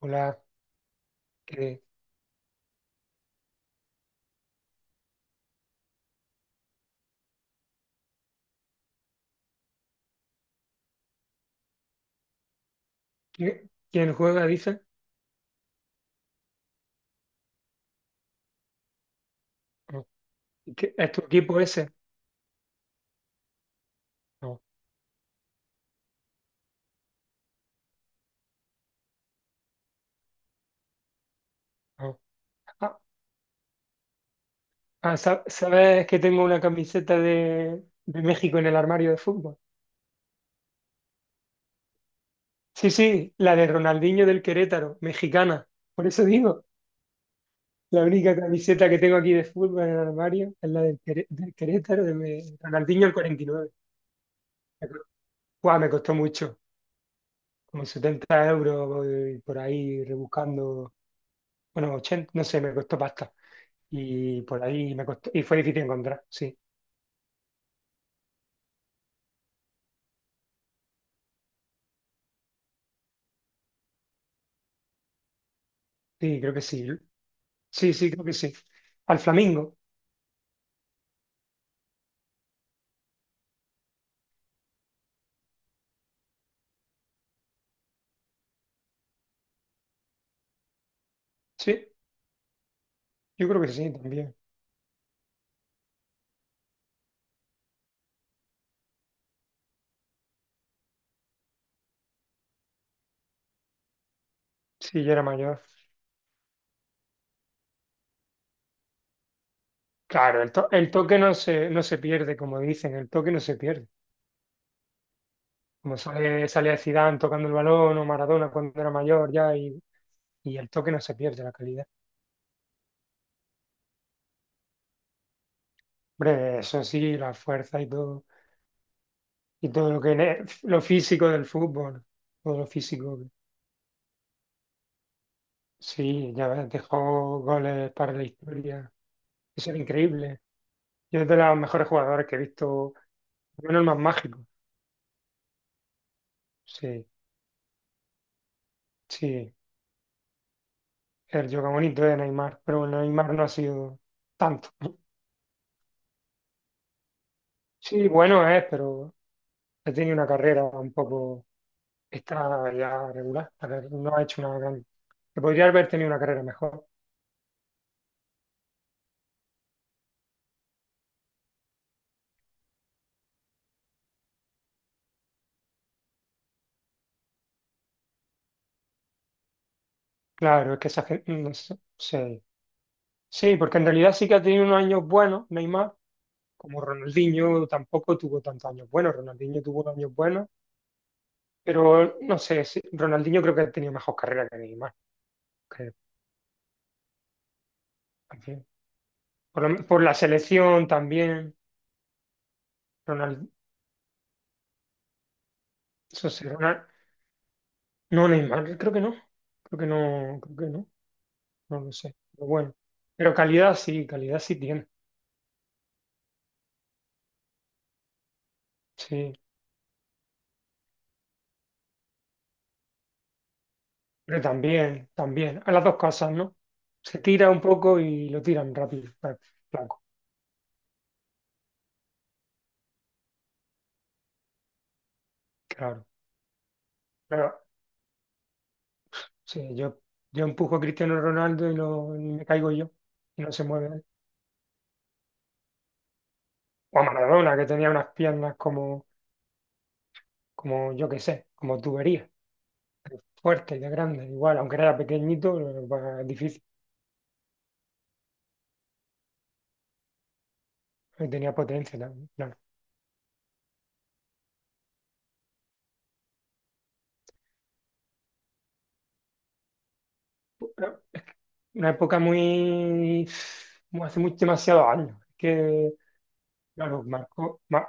Hola, ¿qué- ¿quién juega? Dice. No. ¿Es tu equipo ese? No, no. Ah, ah, ¿sabes que tengo una camiseta de México en el armario de fútbol? Sí, sí, la de Ronaldinho del Querétaro, mexicana. Por eso digo, la única camiseta que tengo aquí de fútbol en el armario es la del Querétaro, Ronaldinho el 49. Me co- Guau, me costó mucho, como 70 € voy por ahí rebuscando, bueno, 80, no sé, me costó pasta. Y por ahí me costó, y fue difícil encontrar, sí, sí, creo que sí. Sí, sí, creo que sí. Al Flamingo, sí, yo creo que sí también. Sí, yo era mayor. Claro, el toque no se pierde, como dicen, el toque no se pierde. Como sale Zidane tocando el balón o Maradona cuando era mayor ya, y el toque no se pierde, la calidad. Hombre, eso sí, la fuerza y todo, lo físico del fútbol, todo lo físico. Sí, ya ves, dejó goles para la historia. Eso era increíble. Yo es de los mejores jugadores que he visto, al menos el más mágico. Sí, sí, el Joga bonito de Neymar, pero bueno, Neymar no ha sido tanto. Sí, bueno es, pero ha tenido una carrera un poco, está ya regular, a ver, no ha hecho una gran... Que podría haber tenido una carrera mejor. Claro, es que esa gente, no sé, sí, sí, porque en realidad sí que ha tenido unos años buenos, Neymar, como Ronaldinho tampoco tuvo tantos años buenos, Ronaldinho tuvo unos años buenos, pero no sé, sí, Ronaldinho creo que ha tenido mejor carrera que Neymar. Que, en fin, por la selección también. Ronald, Eso sí, no, Neymar, creo que no, creo que no, creo que no, no lo sé, pero bueno, pero calidad sí tiene, sí, pero también, también, a las dos cosas, ¿no? Se tira un poco y lo tiran rápido, flaco, claro, pero sí, yo empujo a Cristiano Ronaldo y me caigo yo, y no se mueve él. O a Maradona, que tenía unas piernas como yo qué sé, como tubería. Fuerte, de grande, igual, aunque era pequeñito, lo que difícil, tenía potencia también, claro. Una una época muy, hace mucho, demasiados años. Que, claro, marcó,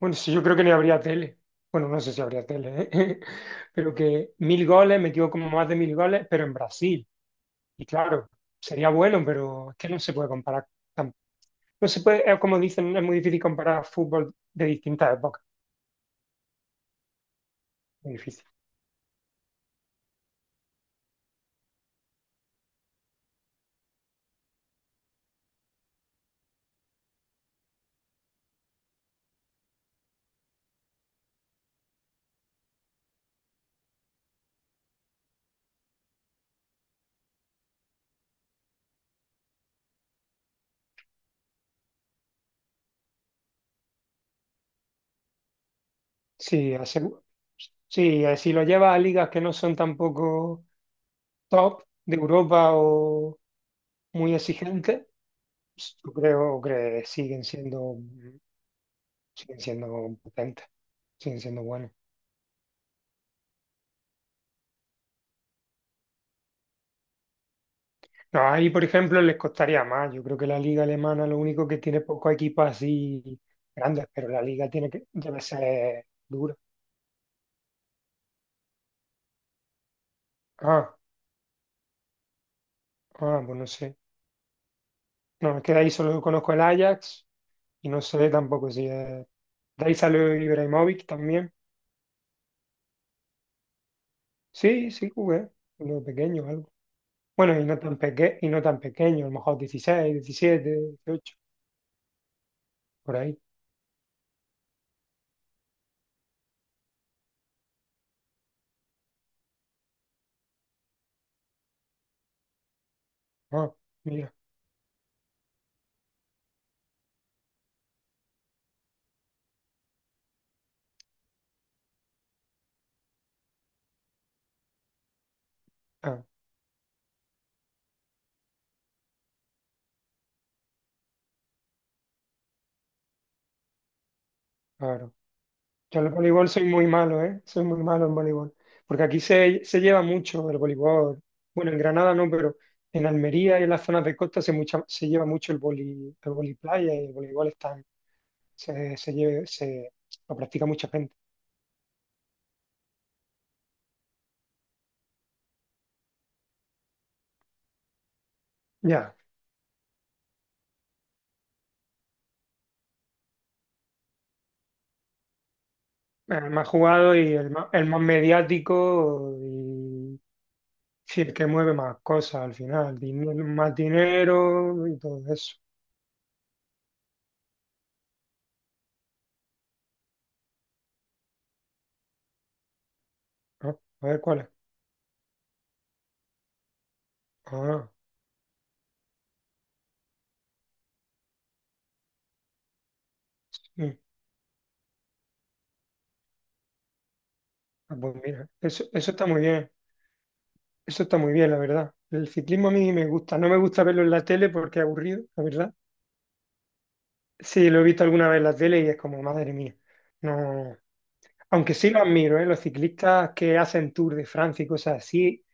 bueno, sí, yo creo que ni habría tele, bueno, no sé si habría tele, ¿eh? Pero que 1000 goles, metió como más de 1000 goles, pero en Brasil, y claro, sería bueno, pero es que no se puede comparar. tan- No se puede, como dicen, es muy difícil comparar fútbol de distintas épocas. Muy difícil. Sí, sí, si lo llevas a ligas que no son tampoco top de Europa o muy exigentes, pues, yo creo que siguen siendo potentes, siguen siendo buenos. No, ahí, por ejemplo, les costaría más. Yo creo que la liga alemana lo único que tiene poco equipos así grandes, pero la liga tiene que, debe ser dura. Ah, ah, pues no sé. No, es que de ahí solo conozco el Ajax y no sé tampoco si es... De ahí salió Ibrahimovic también. Sí, sí jugué, cuando pequeño algo. Bueno, y no tan peque y no tan pequeño, a lo mejor 16, 17, 18, por ahí. Ah, mira, ah, claro. Yo en el voleibol soy muy malo, ¿eh? Soy muy malo en voleibol. Porque aquí se lleva mucho el voleibol. Bueno, en Granada no, pero en Almería y en las zonas de costa se lleva mucho el voliplaya y el voleibol están, se lo practica mucha gente. Ya, el más jugado y el más mediático. Sí, el que mueve más cosas al final, más dinero y todo eso. ¿No? A ver cuál es. Ah, sí. Ah, pues mira, eso está muy bien, eso está muy bien, la verdad. El ciclismo a mí me gusta, no me gusta verlo en la tele porque es aburrido, la verdad. Sí, lo he visto alguna vez en la tele y es como, madre mía, no. Aunque sí lo admiro, ¿eh? Los ciclistas que hacen Tour de Francia y cosas así,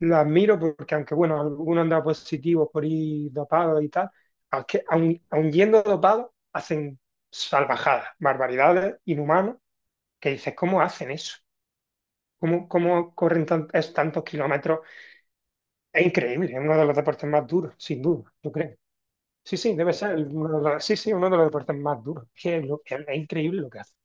lo admiro porque aunque, bueno, algunos han dado positivos por ir dopados y tal, aun yendo dopados, hacen salvajadas, barbaridades, inhumanos, que dices, ¿cómo hacen eso? ¿Cómo corren tantos kilómetros? Es increíble, es uno de los deportes más duros, sin duda, yo creo. Sí, sí, debe ser, sí, sí, uno de los deportes más duros. Que es increíble lo que hacen.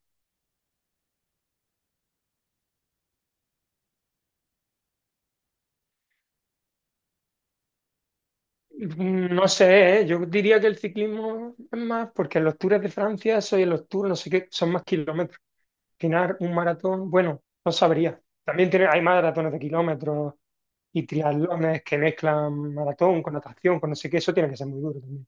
No sé, ¿eh? Yo diría que el ciclismo es más, porque en los Tours de Francia, eso en los Tours, no sé qué, son más kilómetros. Al final, un maratón, bueno, no sabría. También tiene, hay maratones de kilómetros y triatlones que mezclan maratón con natación, con no sé qué, eso tiene que ser muy duro también.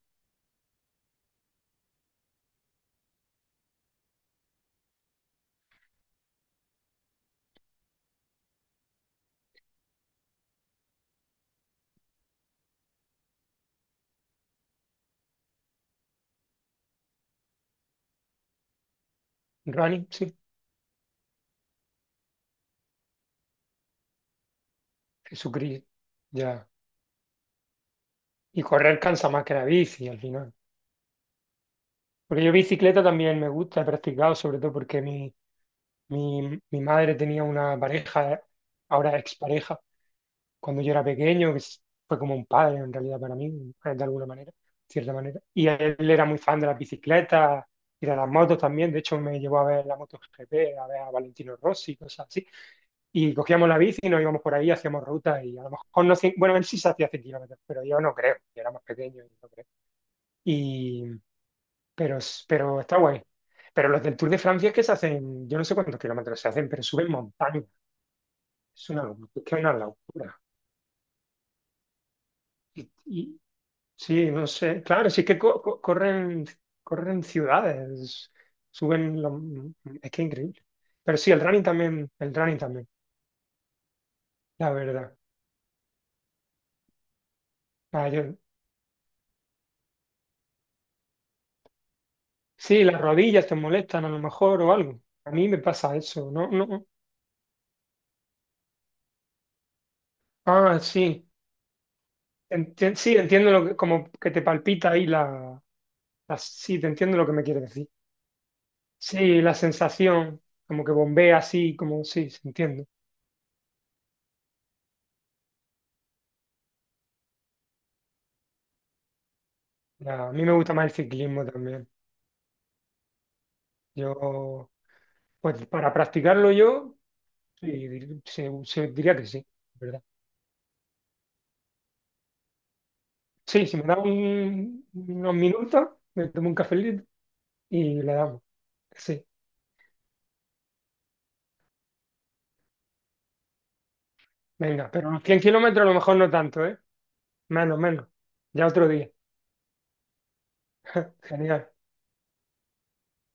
Running, sí, Jesucristo, ya. Y correr cansa más que la bici al final. Porque yo bicicleta también me gusta, he practicado, sobre todo porque mi madre tenía una pareja, ahora expareja cuando yo era pequeño, que fue como un padre en realidad para mí, de alguna manera, cierta manera. Y él era muy fan de las bicicletas y de las motos también. De hecho, me llevó a ver la MotoGP, a ver a Valentino Rossi, cosas así. Y cogíamos la bici y nos íbamos por ahí, hacíamos rutas y a lo mejor no bueno, él sí se hacía 100 kilómetros, pero yo no creo, yo era más pequeño y no creo. Y, pero está guay. Pero los del Tour de Francia es que se hacen, yo no sé cuántos kilómetros se hacen, pero suben montaña. Es una locura, es que es una locura. Y, Sí, no sé. Claro, sí que corren ciudades, suben. Es que increíble. Pero sí, el running también, la verdad. Ah, sí, las rodillas te molestan a lo mejor o algo. A mí me pasa eso, ¿no? No. Ah, sí. Sí, entiendo lo que, como que te palpita ahí. Sí, te entiendo lo que me quieres decir. Sí, la sensación, como que bombea así, como sí, se entiende. Ya, a mí me gusta más el ciclismo también. Yo... Pues para practicarlo yo, sí, diría que sí, ¿verdad? Sí, si me da unos minutos, me tomo un cafelito y le damos. Sí, venga, pero los 100 kilómetros a lo mejor no tanto, ¿eh? Menos, menos. Ya otro día. Genial.